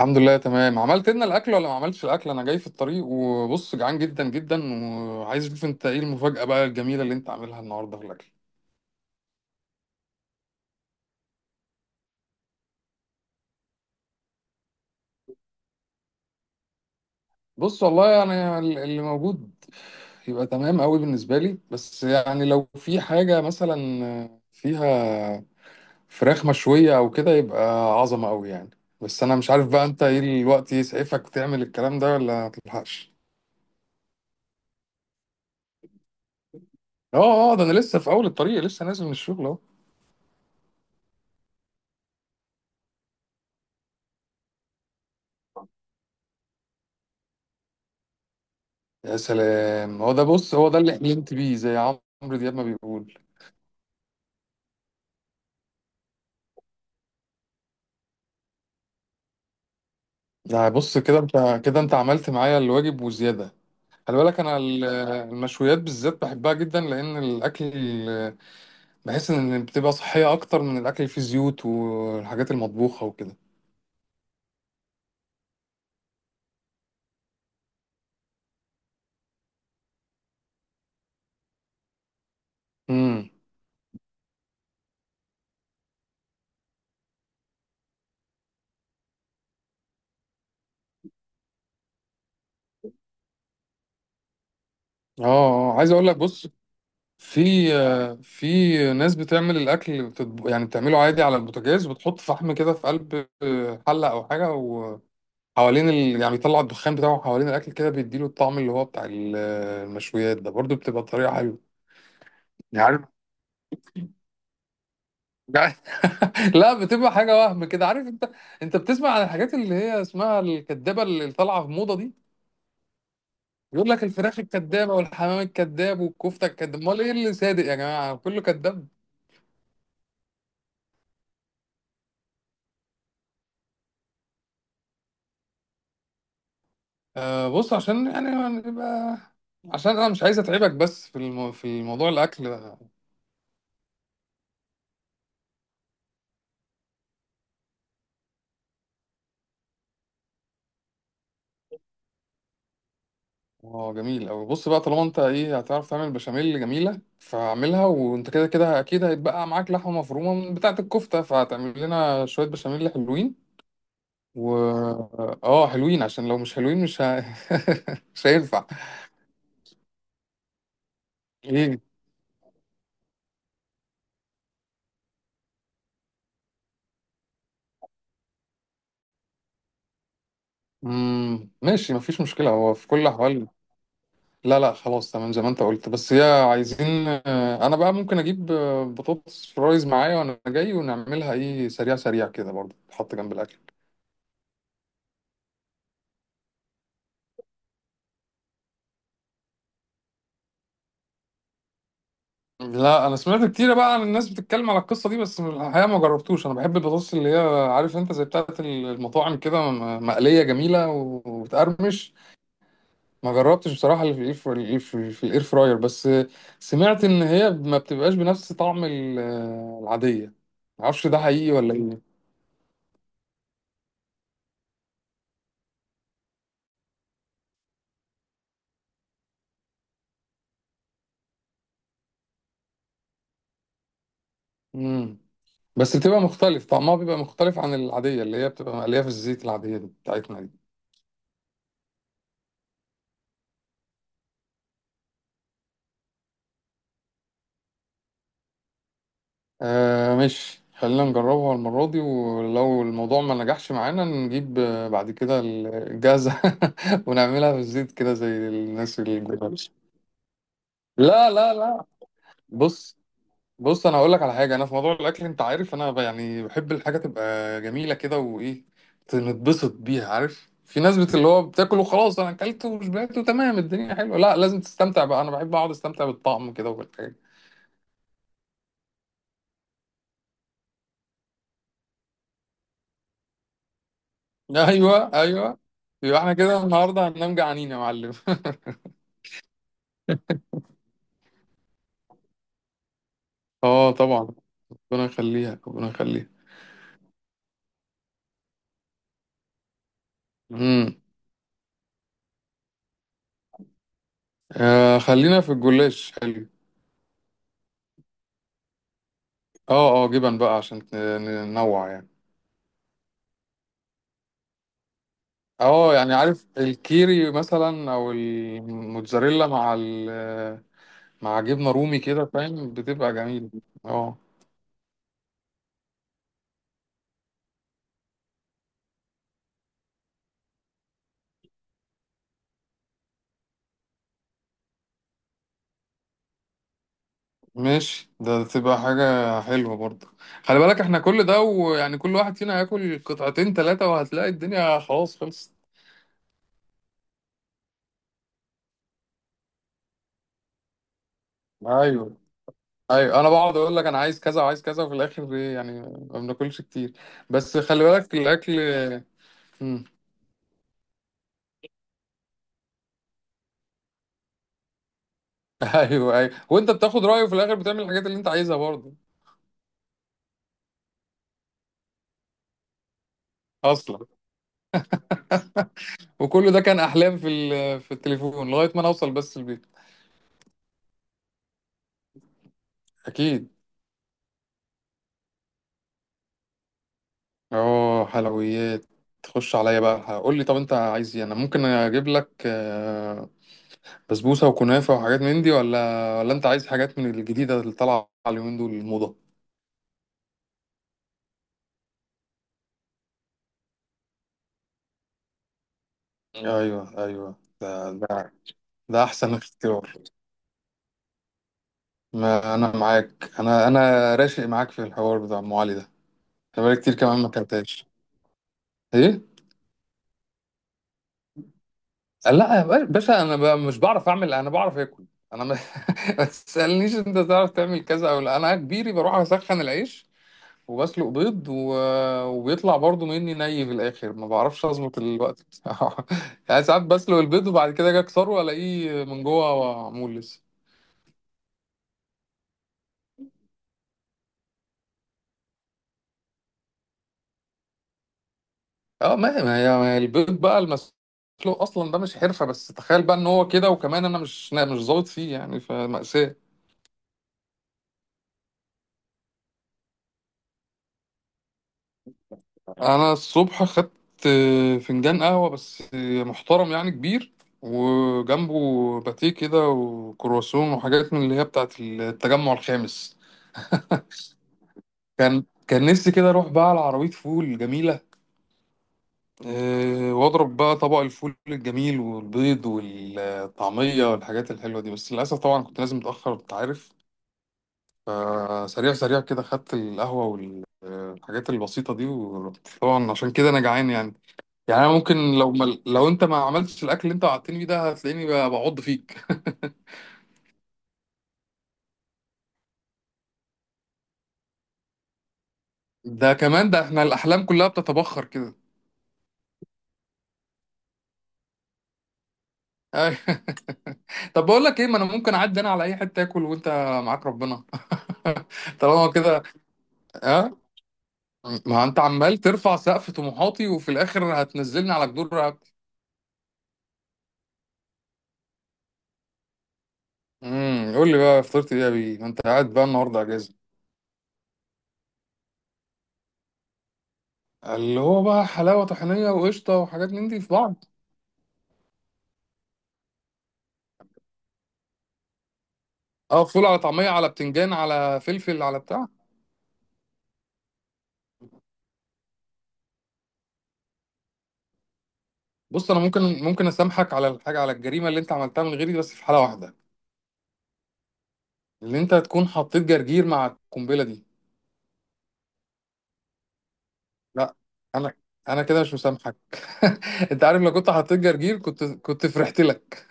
الحمد لله، تمام. عملت لنا الاكل ولا ما عملتش الاكل؟ انا جاي في الطريق وبص، جعان جدا جدا وعايز اشوف انت ايه المفاجأة بقى الجميلة اللي انت عاملها النهارده في الاكل. بص، والله انا اللي موجود يبقى تمام قوي بالنسبة لي، بس يعني لو في حاجة مثلا فيها فراخ مشوية او كده يبقى عظمة قوي يعني. بس انا مش عارف بقى انت ايه الوقت يسعفك تعمل الكلام ده ولا متلحقش. اه اه، ده انا لسه في اول الطريق، لسه نازل من الشغل. يا سلام! هو ده، بص، هو ده اللي حلمت بيه، زي عمرو دياب ما بيقول. يعني بص، كده انت، كده انت عملت معايا الواجب وزياده. خلي بالك، انا المشويات بالذات بحبها جدا لان الاكل بحس ان بتبقى صحيه اكتر من الاكل اللي فيه زيوت والحاجات المطبوخه وكده. امم. عايز اقول لك، بص، في ناس بتعمل الاكل، يعني بتعمله عادي على البوتاجاز وبتحط فحم كده في قلب، حله او حاجه، يعني بيطلع الدخان بتاعه حوالين الاكل كده، بيديله الطعم اللي هو بتاع المشويات. ده برضو بتبقى طريقه حلوه، يعني عارف. لا، بتبقى حاجه وهم كده، عارف انت. انت بتسمع عن الحاجات اللي هي اسمها الكدابه اللي طالعه في موضه دي؟ يقول لك الفراخ الكدابه والحمام الكداب والكفته الكداب. امال ايه اللي صادق يا جماعه؟ كله كداب. آه، بص عشان يعني نبقى، عشان انا مش عايز اتعبك، بس في الموضوع الاكل. اه، جميل أوي. بص بقى، طالما انت ايه، هتعرف تعمل بشاميل جميلة فاعملها، وانت كده كده اكيد هيتبقى معاك لحمة مفرومة من بتاعة الكفتة، فهتعمل لنا شوية بشاميل حلوين. و اه حلوين، عشان لو مش حلوين مش ه... مش هينفع. ايه، ماشي، مفيش مشكلة هو في كل الأحوال. لا لا، خلاص تمام زي ما انت قلت. بس هي عايزين، انا بقى ممكن اجيب، بطاطس فرايز معايا وانا جاي، ونعملها ايه سريع سريع كده برضه، تحط جنب الاكل. لا، انا سمعت كتير بقى عن الناس بتتكلم على القصه دي، بس الحقيقه ما جربتوش. انا بحب البطاطس اللي هي، عارف انت، زي بتاعه المطاعم كده، مقليه جميله وبتقرمش. ما جربتش بصراحه اللي في الاير فراير بس. سمعت ان هي ما بتبقاش بنفس طعم العاديه. ما اعرفش ده حقيقي ولا ايه. امم بس بتبقى مختلف، طعمها بيبقى مختلف عن العاديه اللي هي بتبقى مقليه في الزيت، العاديه دي بتاعتنا دي. آه، ماشي. خلينا نجربها المرة دي، ولو الموضوع ما نجحش معانا نجيب، بعد كده الجازة، ونعملها في الزيت كده زي الناس اللي بتعمل. لا لا لا، بص بص، انا هقول لك على حاجة. انا في موضوع الاكل، انت عارف، انا يعني بحب الحاجة تبقى جميلة كده وايه، نتبسط بيها. عارف في ناس، اللي هو بتاكل وخلاص، انا اكلت وشبعت وتمام، الدنيا حلوه. لا، لازم تستمتع بقى. انا بحب اقعد استمتع بالطعم كده وبالحاجة. ايوه، ايوه. يبقى احنا كده النهارده هننام جعانين يا معلم. اه طبعا. ربنا يخليها، ربنا يخليها. امم خلينا في الجلاش، حلو. اه اه، جبن بقى عشان ننوع يعني. اه، يعني عارف، الكيري مثلا او الموتزاريلا مع ال مع جبنه رومي كده، فاهم، بتبقى جميله. اه ماشي، ده تبقى حاجه حلوه برضه. خلي بالك، احنا كل ده ويعني كل واحد فينا هياكل قطعتين ثلاثه وهتلاقي الدنيا خلاص خلصت. ايوه، ايوه، انا بقعد اقول لك انا عايز كذا وعايز كذا، وفي الاخر إيه يعني؟ ما بناكلش كتير. بس خلي بالك الاكل. مم. ايوه، ايوه، وانت بتاخد رايه وفي الاخر بتعمل الحاجات اللي انت عايزها برضه. اصلا. وكل ده كان احلام في التليفون لغايه ما انا اوصل بس البيت. اكيد. اه، حلويات. تخش عليا بقى، قول لي طب انت عايز ايه؟ انا ممكن اجيب لك، بسبوسه وكنافه وحاجات من دي، ولا انت عايز حاجات من الجديده اللي طالعه اليومين دول الموضه؟ ايوه، ايوه، ده ده. ده احسن اختيار. ما انا معاك. انا راشق معاك في الحوار بتاع ام علي ده. انا بقالي كتير كمان ما اكلتهاش. ايه؟ لا يا باشا، انا بقى مش بعرف اعمل، انا بعرف اكل. انا ما... ما تسالنيش انت تعرف تعمل كذا او لا. انا كبيري بروح اسخن العيش وبسلق بيض وبيطلع برضو مني ني، في الاخر ما بعرفش اظبط الوقت بتاعه. يعني ساعات بسلق البيض وبعد كده اجي اكسره الاقيه من جوه معمول لسه. اه، ما هي البيض بقى المسلوق اصلا ده مش حرفه، بس تخيل بقى ان هو كده، وكمان انا مش أنا مش ظابط فيه يعني، فمأساة. انا الصبح خدت، فنجان قهوه بس، محترم يعني كبير، وجنبه باتيه كده وكرواسون وحاجات من اللي هي بتاعت التجمع الخامس. كان نفسي كده اروح بقى على عربيه فول جميله، واضرب بقى طبق الفول الجميل والبيض والطعميه والحاجات الحلوه دي، بس للاسف طبعا كنت لازم متاخر، انت عارف. فسريع سريع كده خدت القهوة والحاجات البسيطة دي ورحت، طبعا عشان كده أنا جعان يعني. يعني أنا ممكن، لو أنت ما عملتش الأكل اللي أنت وعدتني بيه ده، هتلاقيني بعض فيك. ده كمان، ده إحنا الأحلام كلها بتتبخر كده. أيوة. طب بقول لك إيه، ما أنا ممكن أعدي أنا على أي حتة آكل، وأنت معاك ربنا. طالما كده، ها، ما أنت عمال ترفع سقف طموحاتي وفي الآخر هتنزلني على جدور رقبتي. قول لي بقى فطرت إيه يا بيه؟ ما أنت قاعد بقى النهاردة أجازة. اللي هو بقى حلاوة طحينية وقشطة وحاجات من دي في بعض؟ اه، فول على طعمية على بتنجان على فلفل على بتاع. بص، انا ممكن اسامحك على الحاجة، على الجريمة اللي انت عملتها من غيري، بس في حالة واحدة. اللي انت تكون حطيت جرجير مع القنبلة دي. لا، انا انا كده مش مسامحك. انت عارف، لو كنت حطيت جرجير كنت فرحت لك.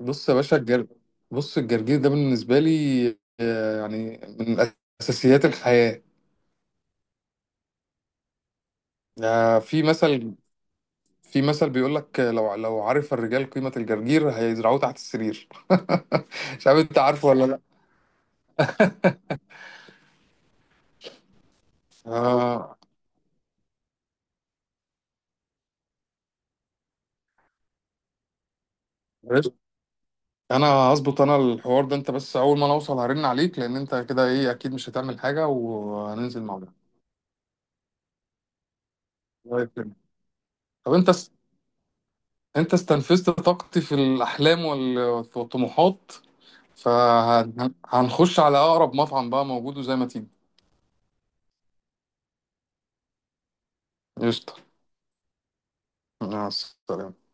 بص يا باشا، بص، الجرجير ده بالنسبة لي، يعني من اساسيات الحياة. آه، في مثل في مثل بيقول لك، لو عرف الرجال قيمة الجرجير هيزرعوه تحت السرير. مش عارف انت عارفه ولا لا. آه، قشطة. انا هظبط الحوار ده، انت بس اول ما انا اوصل هرن عليك، لان انت كده ايه اكيد مش هتعمل حاجة، وهننزل مع بعض. الله يكرمك. طب انت استنفذت طاقتي في الاحلام والطموحات، فهنخش على اقرب مطعم بقى موجود وزي ما تيجي. قشطة. مع السلامة.